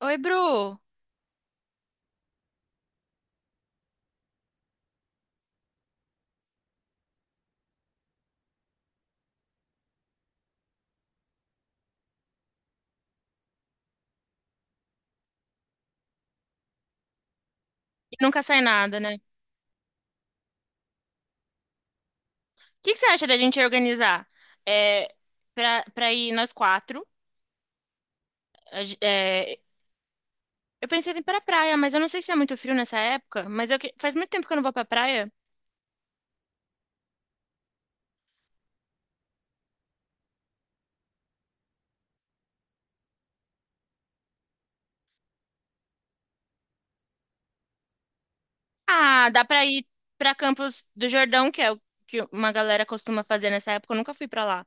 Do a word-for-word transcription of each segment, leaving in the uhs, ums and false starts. Oi, Bru. E nunca sai nada, né? O que que você acha da gente organizar? É, pra, pra ir nós quatro. a ge- é, eu pensei em ir pra praia, mas eu não sei se é muito frio nessa época. Mas eu que- faz muito tempo que eu não vou pra praia. Ah, dá pra ir pra Campos do Jordão, que é o que uma galera costuma fazer nessa época. Eu nunca fui pra lá.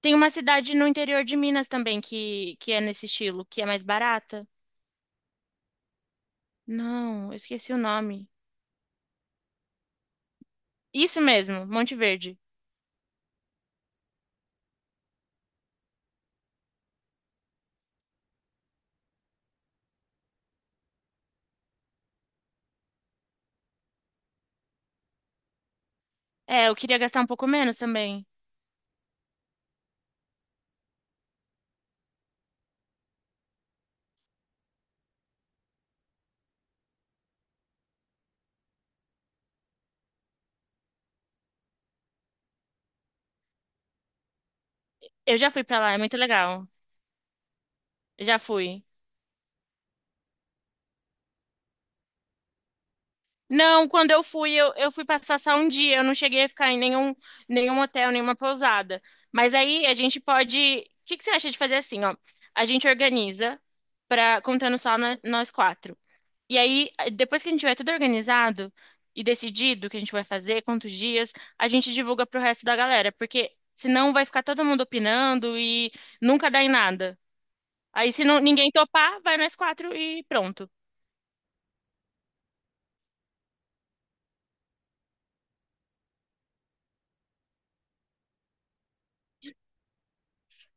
Tem uma cidade no interior de Minas também que, que é nesse estilo, que é mais barata. Não, eu esqueci o nome. Isso mesmo, Monte Verde. É, eu queria gastar um pouco menos também. Eu já fui pra lá, é muito legal. Já fui. Não, quando eu fui, eu, eu fui passar só um dia. Eu não cheguei a ficar em nenhum, nenhum hotel, nenhuma pousada. Mas aí a gente pode. O que que você acha de fazer assim, ó? A gente organiza para contando só no- nós quatro. E aí, eh, depois que a gente tiver tudo organizado e decidido o que a gente vai fazer, quantos dias, a gente divulga pro resto da galera, porque senão vai ficar todo mundo opinando e nunca dá em nada. Aí, se não ninguém topar, vai nós quatro e pronto.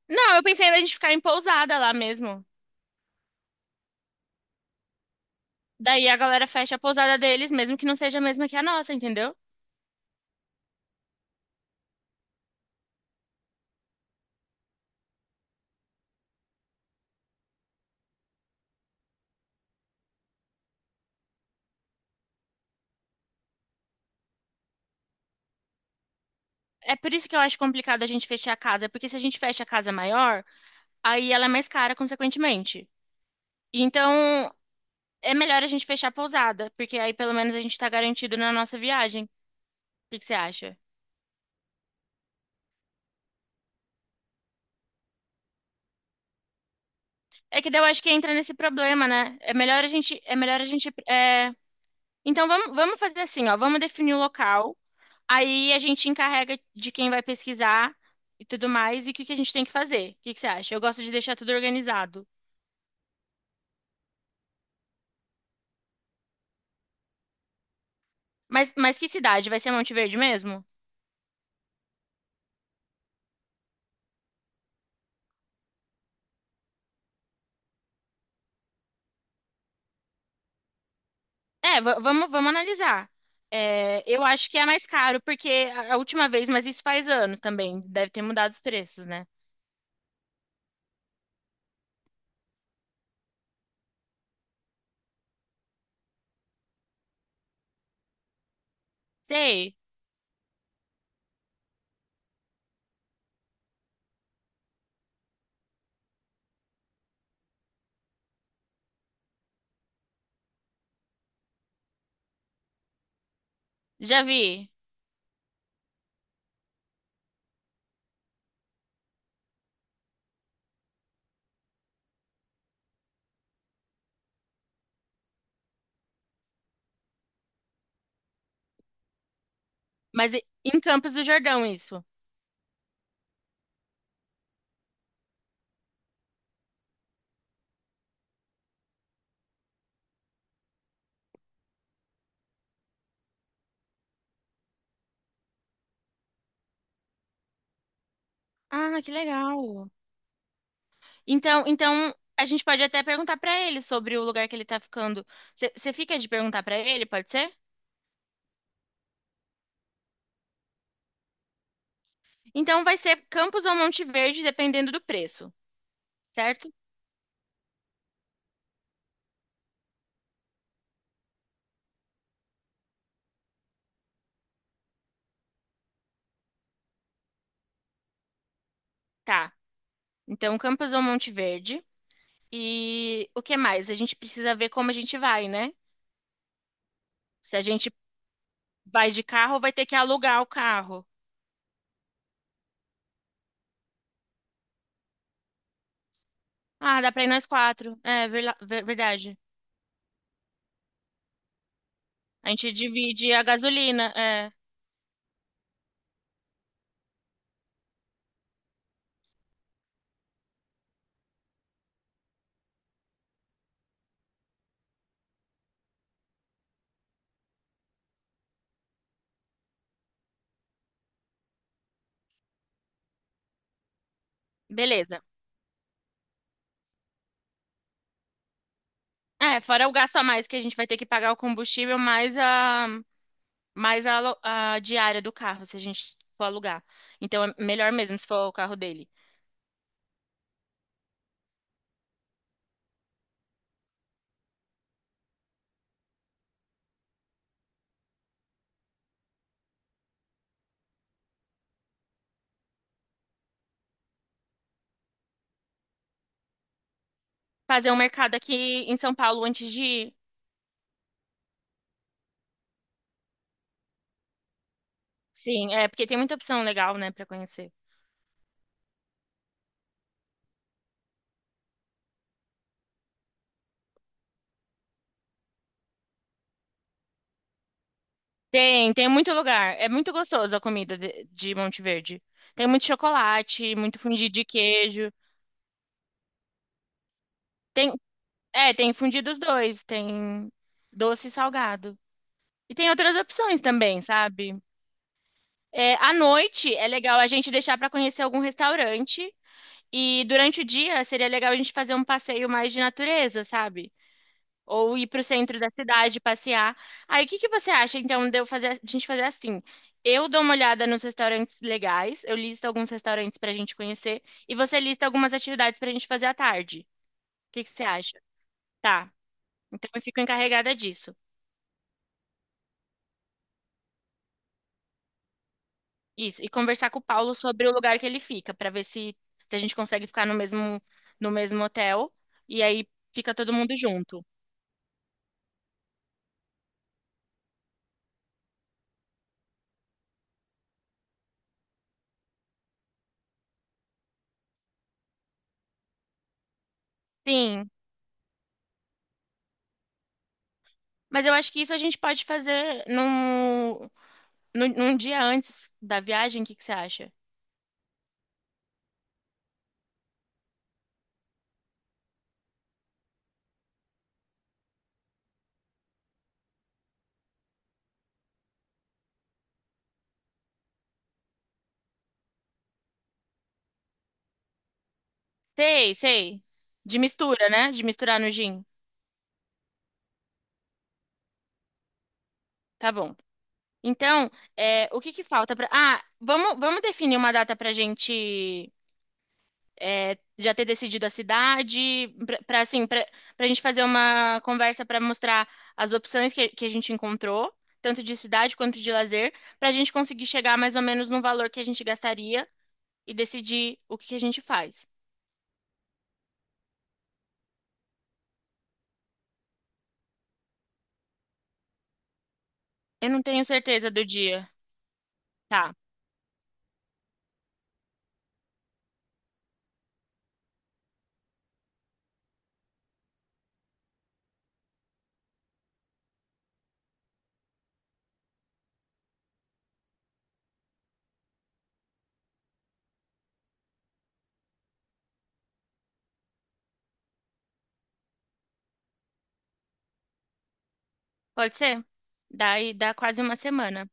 Não, eu pensei ainda a gente ficar em pousada lá mesmo. Daí a galera fecha a pousada deles, mesmo que não seja a mesma que a nossa, entendeu? É por isso que eu acho complicado a gente fechar a casa, porque se a gente fecha a casa maior, aí ela é mais cara, consequentemente. Então, é melhor a gente fechar a pousada, porque aí pelo menos a gente tá garantido na nossa viagem. O que que você acha? É que daí eu acho que entra nesse problema, né? É melhor a gente, é melhor a gente, é... Então vamos, vamos fazer assim, ó, vamos definir o local. Aí a gente encarrega de quem vai pesquisar e tudo mais, e o que que a gente tem que fazer? O que que você acha? Eu gosto de deixar tudo organizado. Mas, mas que cidade? Vai ser Monte Verde mesmo? É, va- vamos, vamos analisar. É, eu acho que é mais caro, porque a, a última vez, mas isso faz anos também, deve ter mudado os preços, né? Sei, já vi. Mas e- em Campos do Jordão, isso. Ah, que legal. Então, então a gente pode até perguntar pra ele sobre o lugar que ele tá ficando. Você fica de perguntar pra ele, pode ser? Então vai ser Campos ou Monte Verde, dependendo do preço, certo? Tá. Então Campos ou Monte Verde. E o que mais? A gente precisa ver como a gente vai, né? Se a gente vai de carro, vai ter que alugar o carro. Ah, dá pra ir nós quatro. É verla- ver- verdade. A gente divide a gasolina. É, beleza. É, fora o gasto a mais que a gente vai ter que pagar o combustível, mais a, mais a, alu- a diária do carro, se a gente for alugar. Então é melhor mesmo se for o carro dele. Fazer um mercado aqui em São Paulo antes de ir. Sim, é, porque tem muita opção legal, né, pra conhecer. Tem, tem muito lugar. É muito gostoso a comida de, de Monte Verde. Tem muito chocolate, muito fundido de queijo. Tem, é, tem fundido os dois, tem doce e salgado. E tem outras opções também, sabe? É, à noite é legal a gente deixar para conhecer algum restaurante. E durante o dia seria legal a gente fazer um passeio mais de natureza, sabe? Ou ir para o centro da cidade passear. Aí, o que que você acha, então, de eu fazer, de a gente fazer assim? Eu dou uma olhada nos restaurantes legais, eu listo alguns restaurantes para a gente conhecer, e você lista algumas atividades para a gente fazer à tarde. O que que você acha? Tá. Então, eu fico encarregada disso. Isso. E conversar com o Paulo sobre o lugar que ele fica, para ver se, se a gente consegue ficar no mesmo, no mesmo hotel. E aí fica todo mundo junto. Sim. Mas eu acho que isso a gente pode fazer no num num dia antes da viagem, o que que você acha? Sei, sei. De mistura, né? De misturar no gin. Tá bom. Então, é, o que que falta pra. Ah, vamos, vamos definir uma data pra gente é, já ter decidido a cidade, pra, pra, assim, pra, pra gente fazer uma conversa pra mostrar as opções que, que a gente encontrou, tanto de cidade quanto de lazer, pra gente conseguir chegar mais ou menos no valor que a gente gastaria e decidir o que que a gente faz. Eu não tenho certeza do dia. Tá. Pode ser? Daí dá quase uma semana.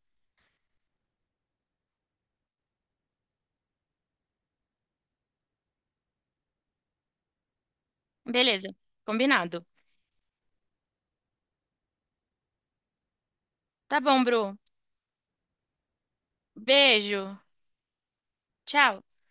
Beleza, combinado. Tá bom, Bru. Beijo. Tchau.